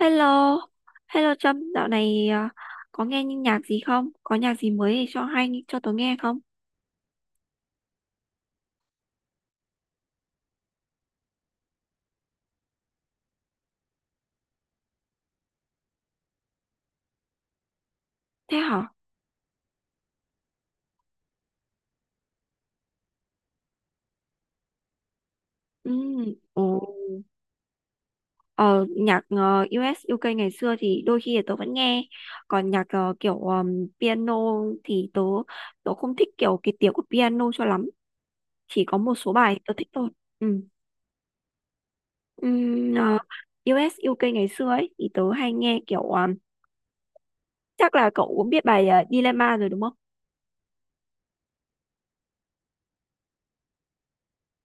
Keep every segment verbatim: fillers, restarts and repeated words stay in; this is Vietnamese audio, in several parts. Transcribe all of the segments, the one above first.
Hello, hello Trâm, dạo này à, có nghe những nhạc gì không? Có nhạc gì mới để cho hay cho tớ nghe không? Thế hả? Ừ, ồ, ờ, nhạc ờ, u ét diu kêi ngày xưa thì đôi khi là tớ vẫn nghe, còn nhạc ờ, kiểu ờm, piano thì tớ tớ không thích kiểu cái tiếng của piano cho lắm, chỉ có một số bài tớ thích thôi. Ừ. Ừm, ờ, diu ét u ca ngày xưa ấy thì tớ hay nghe kiểu ờm, chắc là cậu cũng biết bài ờ, Dilemma rồi đúng không?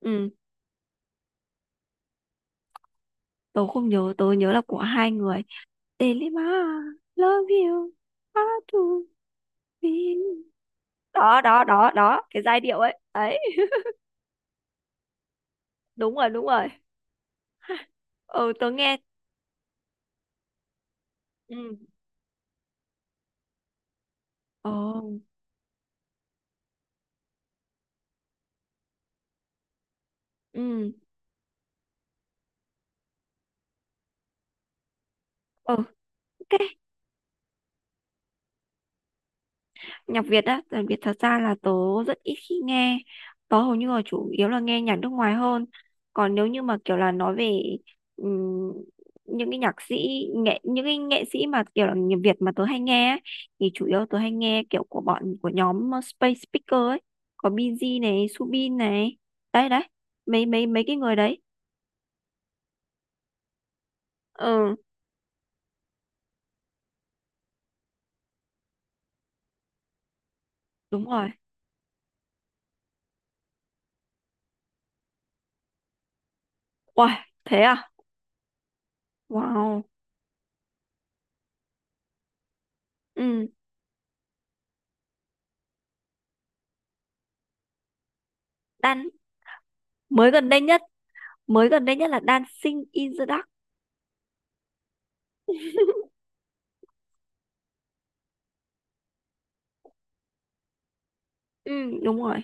Ừ, tớ không nhớ, tớ nhớ là của hai người. Delima, love you, how to be. Đó đó đó đó, cái giai điệu ấy đấy. Đúng rồi, đúng rồi. Ừ, tớ nghe. Ừ. Ồ. Ừ. Ừ. Ok. Nhạc Việt á, nhạc Việt thật ra là tớ rất ít khi nghe, tớ hầu như là chủ yếu là nghe nhạc nước ngoài hơn. Còn nếu như mà kiểu là nói về ừm, những cái nhạc sĩ nghệ những cái nghệ sĩ mà kiểu là nhạc Việt mà tớ hay nghe ấy, thì chủ yếu tớ hay nghe kiểu của bọn của nhóm Space Speaker ấy, có Binz này, Subin này, đấy đấy, mấy mấy mấy cái người đấy. Ừ, đúng rồi. Wow, thế à? Wow. Ừ, Đan, mới gần đây nhất, mới gần đây nhất là Dancing in the Dark. Ừ, đúng rồi.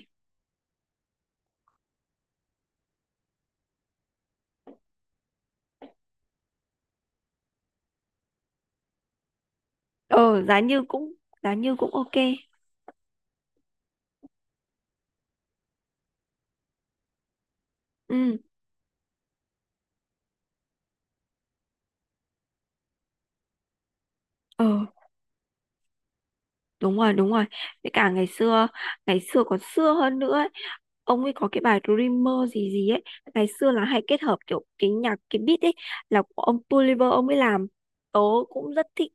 ờ Giá như cũng, giá như cũng ok. Ừ. Ờ, đúng rồi, đúng rồi. Với cả ngày xưa ngày xưa còn xưa hơn nữa ấy. Ông ấy có cái bài Dreamer gì gì ấy, ngày xưa là hay kết hợp kiểu cái nhạc, cái beat ấy là của ông Tuliver ông ấy làm, tớ cũng rất thích.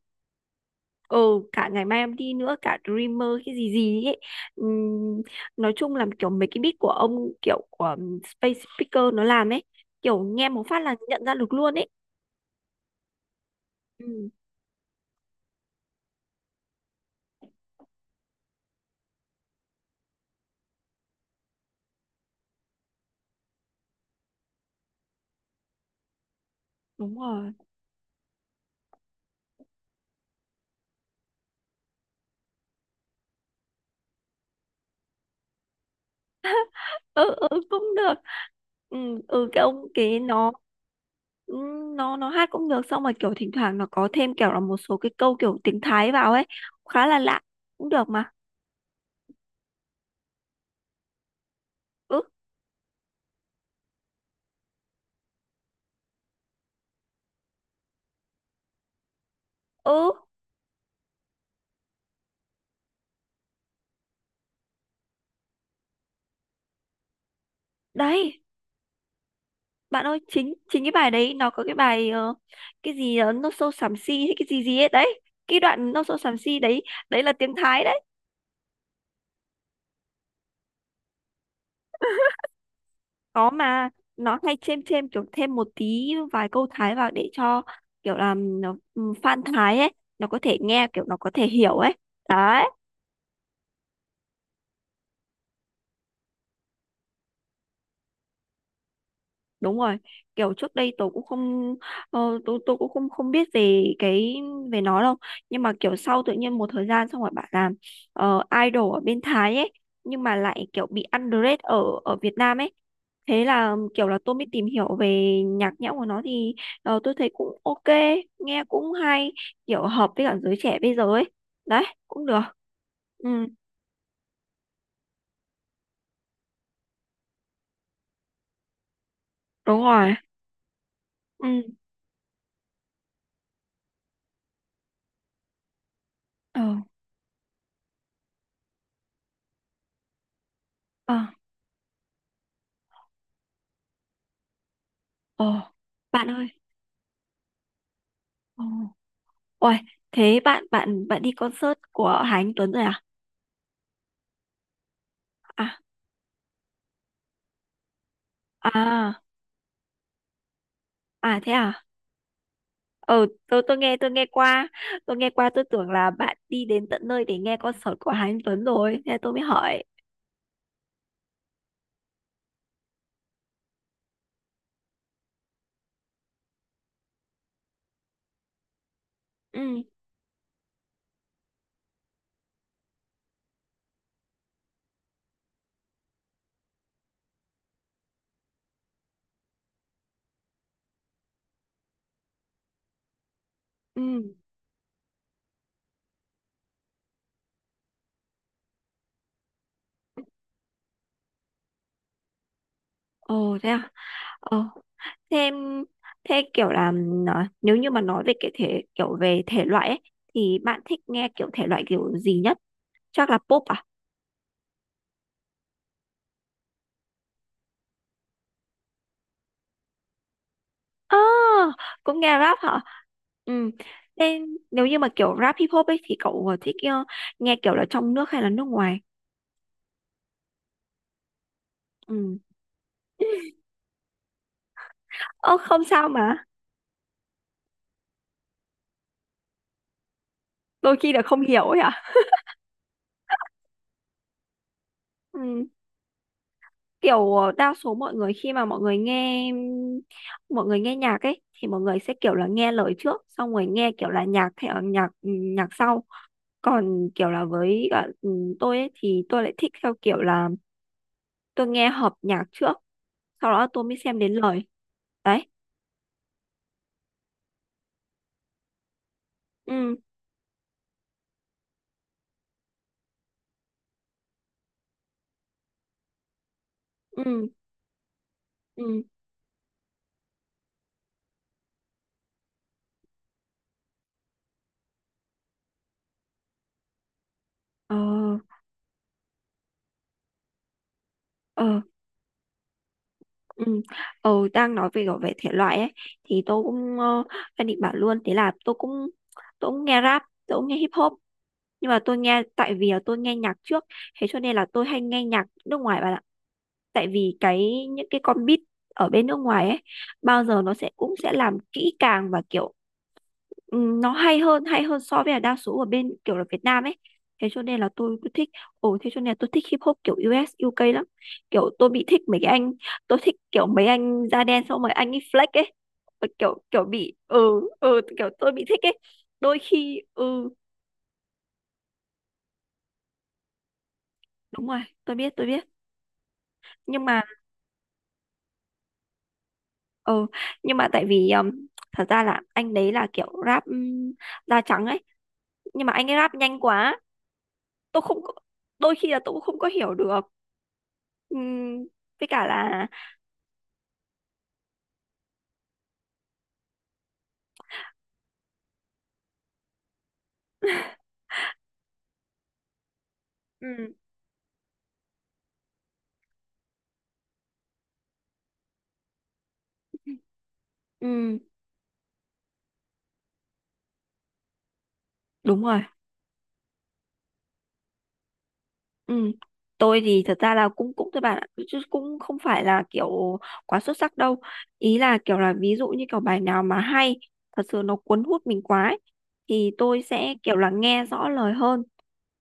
Ừ, cả ngày mai em đi nữa, cả Dreamer cái gì gì ấy. Ừm, nói chung là kiểu mấy cái beat của ông, kiểu của ừm, Space Speaker nó làm ấy, kiểu nghe một phát là nhận ra được luôn ấy. Ừ, đúng rồi. Ừ. Ừ, cũng được. Ừ, ừ, cái ông cái nó, ừ, nó nó hát cũng được, xong rồi kiểu thỉnh thoảng nó có thêm kiểu là một số cái câu kiểu tiếng Thái vào ấy, khá là lạ, cũng được mà. Ừ. Ừ, đấy. Bạn ơi, chính chính cái bài đấy nó có cái bài ờ, cái gì uh, nó sâu xám xì hay cái gì gì ấy đấy, cái đoạn nó sâu xám xì đấy, đấy là tiếng Thái đấy. Có mà, nó hay chêm chêm kiểu thêm một tí vài câu Thái vào để cho kiểu là nó, ừ, fan Thái ấy nó có thể nghe, kiểu nó có thể hiểu ấy. Đấy. Đúng rồi. Kiểu trước đây tôi cũng không, ờ, tôi tôi cũng không không biết về cái về nó đâu, nhưng mà kiểu sau tự nhiên một thời gian xong rồi bạn làm ờ, idol ở bên Thái ấy, nhưng mà lại kiểu bị underrated ở ở Việt Nam ấy. Thế là kiểu là tôi mới tìm hiểu về nhạc nhẽo của nó thì, ờ, tôi thấy cũng ok, nghe cũng hay, kiểu hợp với cả giới trẻ bây giờ ấy, đấy cũng được. Ừ, đúng rồi. Ừ. Ờ. Ờ. Ờ, bạn ơi, ờ. Ôi, thế bạn bạn bạn đi concert của Hà Anh Tuấn rồi à? À, à, à, thế à? Ờ, tôi tôi nghe tôi nghe qua, tôi nghe qua tôi tưởng là bạn đi đến tận nơi để nghe concert của Hà Anh Tuấn rồi, thế tôi mới hỏi. Ừ, ừ. Ồ, thế à? Ờ. thế thế kiểu là nó- nếu như mà nói về cái thể kiểu về thể loại ấy thì bạn thích nghe kiểu thể loại kiểu gì nhất? Chắc là pop à? À, cũng nghe rap hả? Ừ. Thế, nếu như mà kiểu rap hip hop ấy thì cậu thích ờ, nghe kiểu là trong nước hay là nước ngoài? Ừ. Ơ không sao mà, đôi khi là không hiểu ấy à? Ừ. Kiểu ờ, đa số mọi người khi mà mọi người nghe mọi người nghe nhạc ấy thì mọi người sẽ kiểu là nghe lời trước, xong rồi nghe kiểu là nhạc theo nhạc, ừ, nhạc sau. Còn kiểu là với cả, ừ, tôi ấy thì tôi lại thích theo kiểu là tôi nghe hợp nhạc trước, sau đó tôi mới xem đến lời. Đấy. Ừ. Ừ. Ừ. Ờ. Ờ. Ừ. Ờ, đang nói về gọi về thể loại ấy thì tôi cũng, ờ, đang định bảo luôn, thế là tôi cũng, tôi cũng nghe rap, tôi cũng nghe hip hop, nhưng mà tôi nghe tại vì là tôi nghe nhạc trước, thế cho nên là tôi hay nghe nhạc nước ngoài bạn ạ, tại vì cái những cái con beat ở bên nước ngoài ấy bao giờ nó sẽ cũng sẽ làm kỹ càng và kiểu, ừ, nó hay hơn, hay hơn so với là đa số ở bên kiểu là Việt Nam ấy, thế cho nên là tôi cứ thích. Ồ, thế cho nên là tôi thích hip hop kiểu diu ét diu kêi lắm, kiểu tôi bị thích mấy cái anh, tôi thích kiểu mấy anh da đen xong mấy anh ấy flex ấy. Tôi kiểu kiểu bị, ừ ừ kiểu tôi bị thích ấy, đôi khi ừ. Đúng rồi, tôi biết, tôi biết. Nhưng mà, ừ nhưng mà tại vì um, thật ra là anh đấy là kiểu rap um, da trắng ấy, nhưng mà anh ấy rap nhanh quá, tôi không có-, đôi khi là tôi cũng không có hiểu được. Ừm, với cả là, ừ ừm, đúng rồi. Ừm, tôi thì thật ra là cũng, cũng các bạn ạ, chứ cũng không phải là kiểu quá xuất sắc đâu, ý là kiểu là ví dụ như kiểu bài nào mà hay thật sự, nó cuốn hút mình quá ấy, thì tôi sẽ kiểu là nghe rõ lời hơn,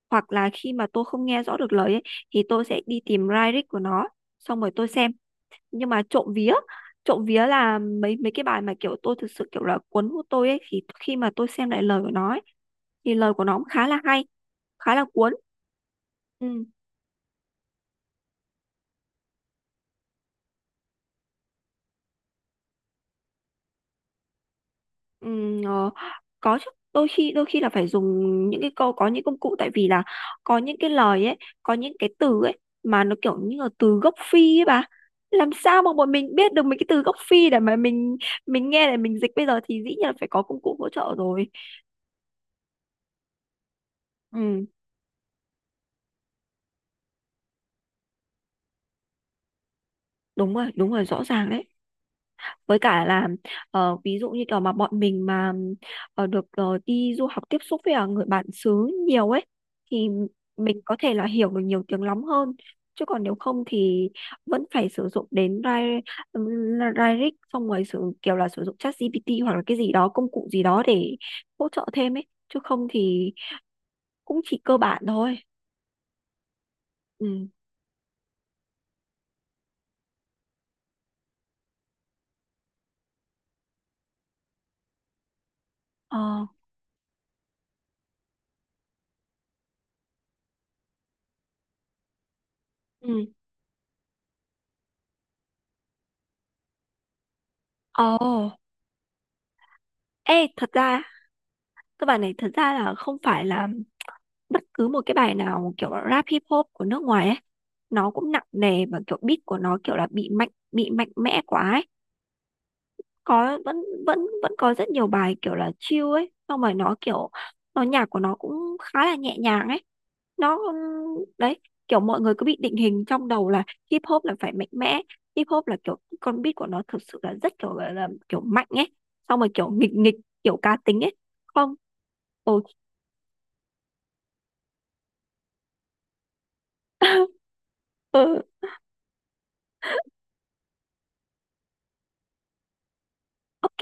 hoặc là khi mà tôi không nghe rõ được lời ấy, thì tôi sẽ đi tìm lyric của nó xong rồi tôi xem. Nhưng mà trộm vía, trộm vía là mấy mấy cái bài mà kiểu tôi thực sự kiểu là cuốn hút tôi ấy, thì khi mà tôi xem lại lời của nó ấy, thì lời của nó cũng khá là hay, khá là cuốn. Ừ. Ừ. Ờ, có chứ, đôi khi đôi khi là phải dùng những cái câu, có những công cụ, tại vì là có những cái lời ấy, có những cái từ ấy mà nó kiểu như là từ gốc phi ấy bà, làm sao mà bọn mình biết được mấy cái từ gốc phi để mà mình mình nghe để mình dịch bây giờ, thì dĩ nhiên là phải có công cụ hỗ trợ rồi. Ừ, đúng rồi, đúng rồi, rõ ràng đấy. Với cả là, ờ, ví dụ như kiểu mà bọn mình mà ờ, được, ờ, đi du học, tiếp xúc với ờ, người bản xứ nhiều ấy, thì mình có thể là hiểu được nhiều tiếng lắm hơn, chứ còn nếu không thì vẫn phải sử dụng đến Rai-, Rairik, xong rồi sử kiểu là sử dụng ChatGPT hoặc là cái gì đó, công cụ gì đó để hỗ trợ thêm ấy, chứ không thì cũng chỉ cơ bản thôi. Ừ. Ờ. Ừ. Ồ. Ê, thật ra các bạn này, thật ra là không phải là bất cứ một cái bài nào kiểu rap hip hop của nước ngoài ấy nó cũng nặng nề và kiểu beat của nó kiểu là bị mạnh bị mạnh mẽ quá ấy, có, vẫn vẫn vẫn có rất nhiều bài kiểu là chill ấy, xong rồi nó kiểu, nó nhạc của nó cũng khá là nhẹ nhàng ấy, nó đấy, kiểu mọi người cứ bị định hình trong đầu là hip hop là phải mạnh mẽ, hip hop là kiểu con beat của nó thực sự là rất kiểu là, là kiểu mạnh ấy, xong rồi kiểu nghịch nghịch, kiểu cá tính ấy. Không. Ồ. Ừ, ok,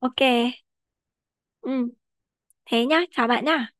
ok. Ừ, thế nhá, chào bạn nhá.